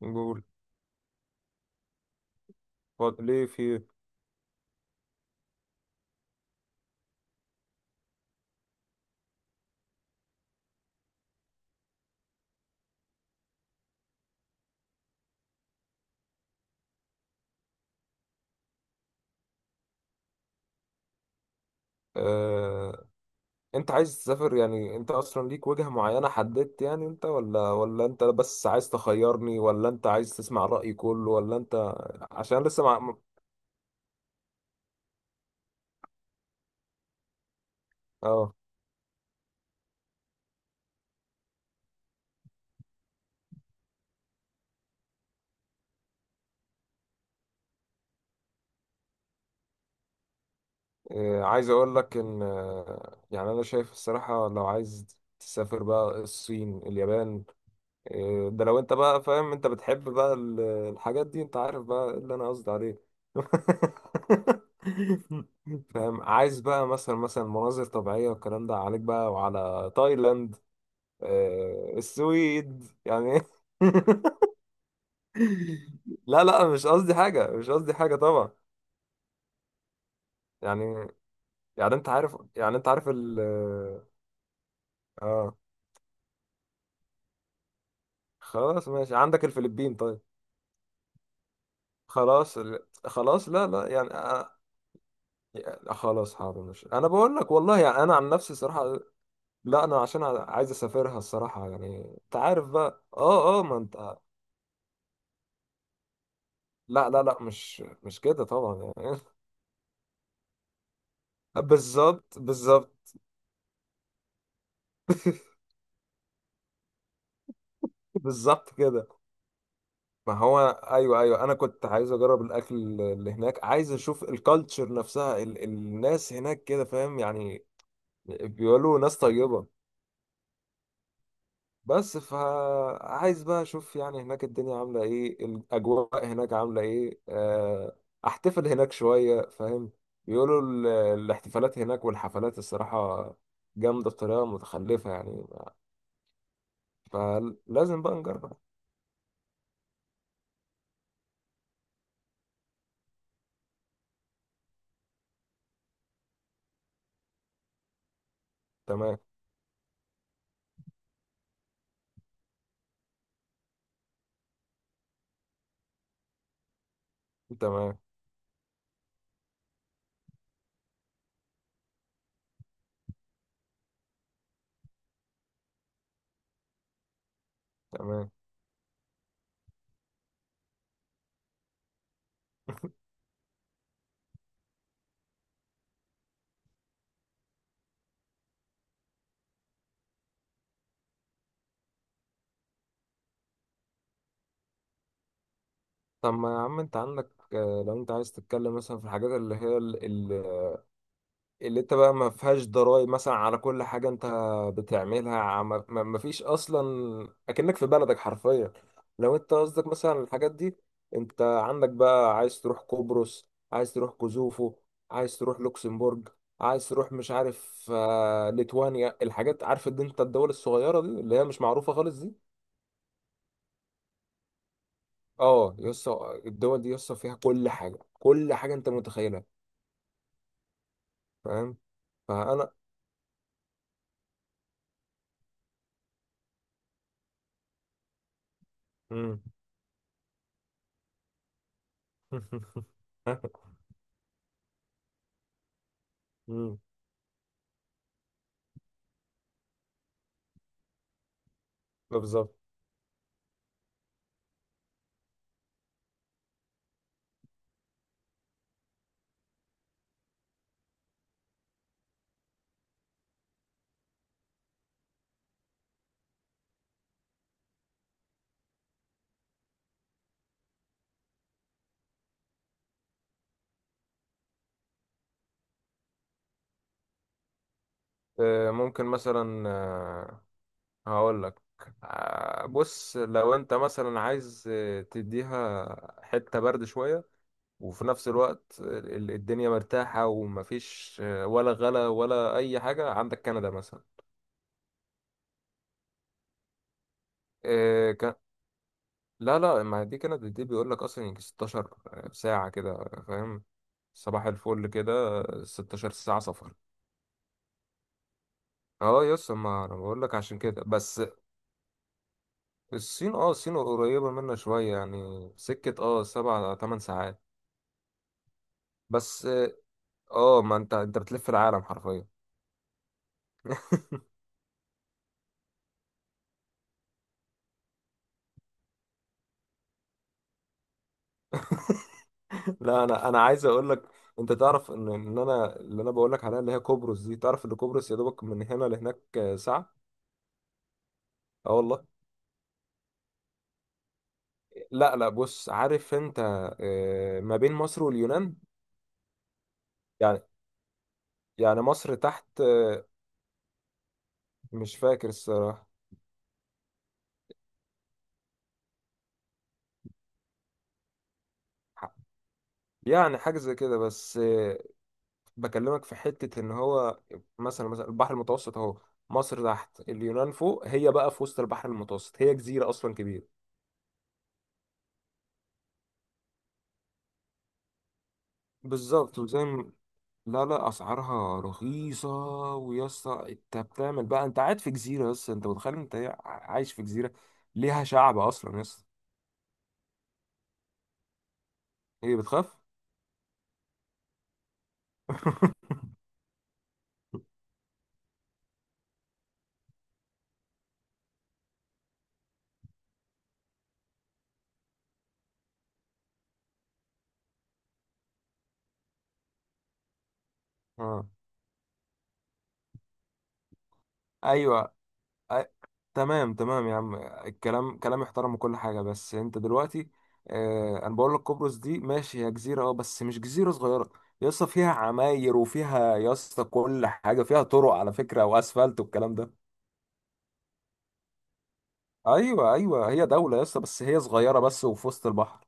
نقول. ليه في؟ آه. انت عايز تسافر؟ يعني انت اصلا ليك وجهة معينة حددت؟ يعني انت ولا انت، بس عايز تخيرني، ولا انت عايز تسمع رأيي كله، ولا انت؟ عشان لسه اه عايز اقول لك ان يعني انا شايف الصراحة، لو عايز تسافر بقى الصين، اليابان، إيه، ده لو انت بقى فاهم. انت بتحب بقى الحاجات دي، انت عارف بقى إيه اللي انا قصدي عليه. فاهم، عايز بقى مثلا مثلا مناظر طبيعية والكلام ده، عليك بقى وعلى تايلاند، السويد يعني. لا لا، مش قصدي حاجة، مش قصدي حاجة طبعا. يعني يعني انت عارف، يعني انت عارف ال اه خلاص ماشي، عندك الفلبين طيب. خلاص خلاص، لا لا يعني. يعني خلاص حاضر، مش انا بقول لك والله، يعني انا عن نفسي صراحه. لا انا عشان عايز اسافرها الصراحه، يعني انت عارف بقى. اه ما انت. لا لا، مش كده طبعا يعني. بالظبط بالظبط. بالظبط كده. ما هو، ايوه ايوه، انا كنت عايز اجرب الاكل اللي هناك، عايز اشوف الكالتشر نفسها، الناس هناك كده، فاهم يعني. بيقولوا ناس طيبه. بس فعايز بقى اشوف يعني هناك الدنيا عاملة ايه، الاجواء هناك عاملة ايه، احتفل هناك شوية فاهم. بيقولوا الاحتفالات هناك والحفلات، الصراحة جامدة بطريقة متخلفة يعني. فلازم بقى نجرب. تمام تمام تمام. طب ما يا عم انت عندك، لو انت عايز تتكلم مثلا في الحاجات اللي هي اللي انت بقى ما فيهاش ضرائب مثلا على كل حاجة انت بتعملها. ما فيش اصلا، اكنك في بلدك حرفيا. لو انت قصدك مثلا الحاجات دي، انت عندك بقى، عايز تروح قبرص، عايز تروح كوزوفو، عايز تروح لوكسمبورج، عايز تروح مش عارف ليتوانيا، الحاجات. عارف ان انت الدول الصغيرة دي اللي هي مش معروفة خالص دي. اه يسطا، الدول دي يسطا فيها كل حاجة، كل حاجة انت متخيلها. فاهم. فانا. مم. مم. بالظبط. ممكن مثلا، هقول لك، بص لو انت مثلا عايز تديها حتة برد شوية، وفي نفس الوقت الدنيا مرتاحة ومفيش ولا غلا ولا أي حاجة، عندك كندا مثلا. آه، ك... لا لا، ما دي كندا دي بيقول لك أصلا يجي 16 ساعة كده، فاهم. صباح الفل كده 16 ساعة سفر. اه يس، ما انا بقول لك عشان كده بس. الصين، اه الصين قريبة منا شوية يعني، سكة اه سبع تمن ساعات بس. اه ما انت انت بتلف العالم حرفيا. لا انا عايز اقول لك، انت تعرف ان انا، اللي انا بقول لك عليها اللي هي قبرص دي. تعرف ان قبرص يا دوبك من هنا لهناك ساعة. اه والله. لا لا، بص عارف انت، ما بين مصر واليونان يعني. يعني مصر تحت. مش فاكر الصراحة. يعني حاجة زي كده بس بكلمك في حتة، إن هو مثلا مثلا البحر المتوسط أهو. مصر تحت، اليونان فوق، هي بقى في وسط البحر المتوسط، هي جزيرة أصلا كبيرة. بالظبط وزي لا لا، أسعارها رخيصة. ويا اسطى أنت بتعمل بقى، أنت قاعد في جزيرة، بس أنت متخيل أنت إيه؟ عايش في جزيرة ليها شعب أصلا يا اسطى. هي بتخاف؟ آه. أيوه. أي- تمام تمام يا عم، الكلام كلام يحترم وكل حاجة. بس انت دلوقتي آه، انا بقول لك قبرص دي ماشي هي جزيرة، اه بس مش جزيرة صغيرة. يا اسطى فيها عماير، وفيها يا اسطى كل حاجة، فيها طرق على فكرة واسفلت والكلام ده. ايوه ايوه، هي دولة يا اسطى، بس هي صغيرة بس وفي وسط البحر.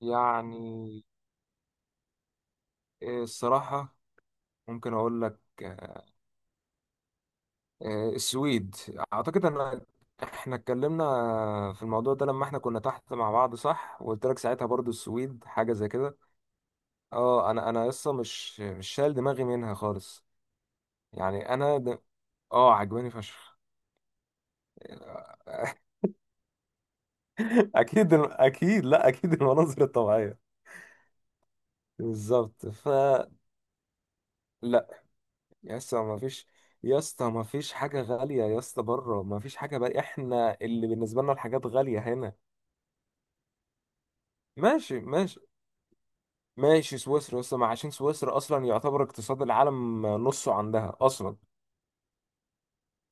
يعني الصراحة، ممكن اقول لك السويد. اعتقد ان احنا اتكلمنا في الموضوع ده لما احنا كنا تحت مع بعض، صح، وقلت لك ساعتها برضو السويد حاجه زي كده. اه انا لسه مش شايل دماغي منها خالص. يعني اه عجباني فشخ. اكيد اكيد، لا اكيد المناظر الطبيعيه. بالظبط، فلا. يا اسطى ما فيش، يا اسطى ما فيش حاجه غاليه يا اسطى بره. ما فيش حاجه بقى، احنا اللي بالنسبه لنا الحاجات غاليه هنا. ماشي ماشي. ماشي، سويسرا اصلا، ما عشان سويسرا اصلا يعتبر اقتصاد العالم نصه عندها اصلا.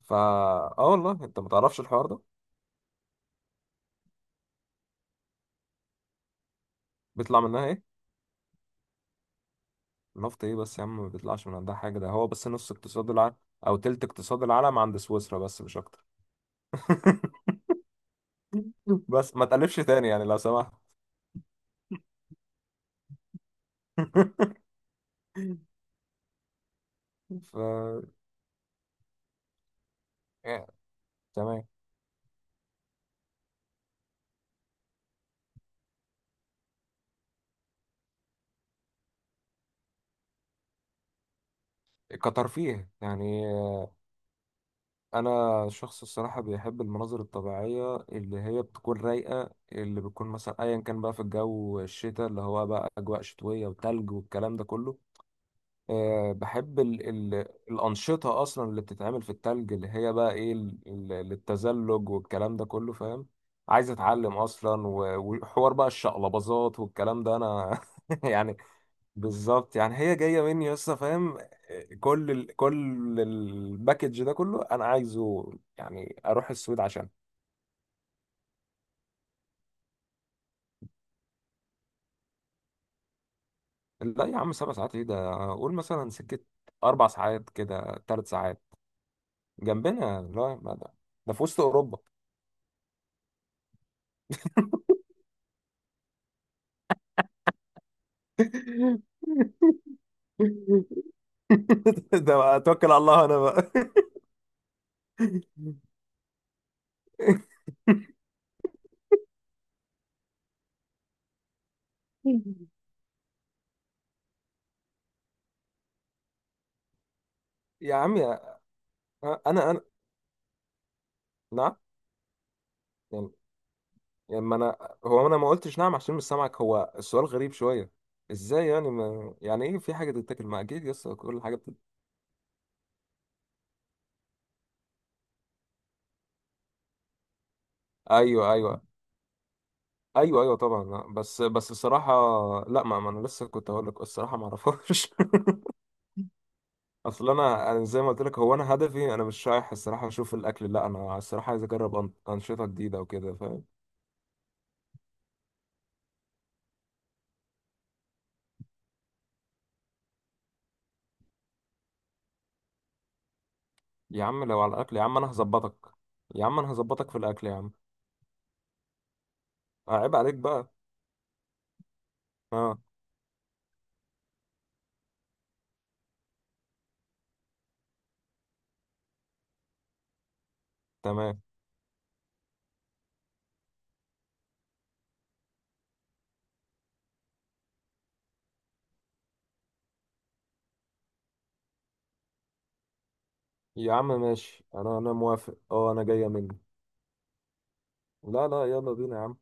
فا اه والله، انت ما تعرفش الحوار ده. بيطلع منها ايه؟ نفط ايه بس يا عم؟ ما بيطلعش من عندها حاجه، ده هو بس نص اقتصاد العالم او تلت اقتصاد العالم عند سويسرا، بس مش اكتر. بس ما تقلبش تاني يعني لو سمحت. ف، يعني، تمام. كترفيه يعني. انا شخص الصراحه بيحب المناظر الطبيعيه اللي هي بتكون رايقه، اللي بتكون مثلا ايا كان بقى في الجو الشتاء، اللي هو بقى اجواء شتويه وتلج والكلام ده كله. أه بحب ال ال الانشطه اصلا اللي بتتعمل في التلج، اللي هي بقى ايه، للتزلج والكلام ده كله فاهم. عايز اتعلم اصلا، وحوار بقى الشقلباظات والكلام ده انا. يعني بالظبط يعني، هي جايه مني لسه فاهم. كل الباكج ده كله انا عايزه يعني، اروح السويد عشان. لا يا عم، سبع ساعات ايه ده، قول مثلا سكت، اربع ساعات كده، ثلاث ساعات. جنبنا لا ما ده، ده في وسط اوروبا. ده بقى اتوكل على الله انا بقى. يا عم يا انا انا نعم. يعني، يعني ما انا، هو انا ما قلتش نعم عشان مش سامعك. هو السؤال غريب شويه، ازاي يعني، ما يعني ايه في حاجه تتاكل؟ ما اكيد يس كل حاجه. ايوه ايوه ايوه ايوه طبعا لا. بس الصراحه، لا ما انا لسه كنت هقول لك الصراحه ما اعرفهاش. اصل انا زي ما قلت لك، هو انا هدفي انا مش رايح الصراحه اشوف الاكل، لا انا الصراحه عايز اجرب انشطه جديده وكده فاهم. يا عم لو على الاكل يا عم انا هظبطك، يا عم انا هظبطك في الاكل يا عم. عيب عليك بقى. اه، تمام يا عم ماشي، انا موافق. اه، انا جايه مني. لا لا يلا بينا يا عم.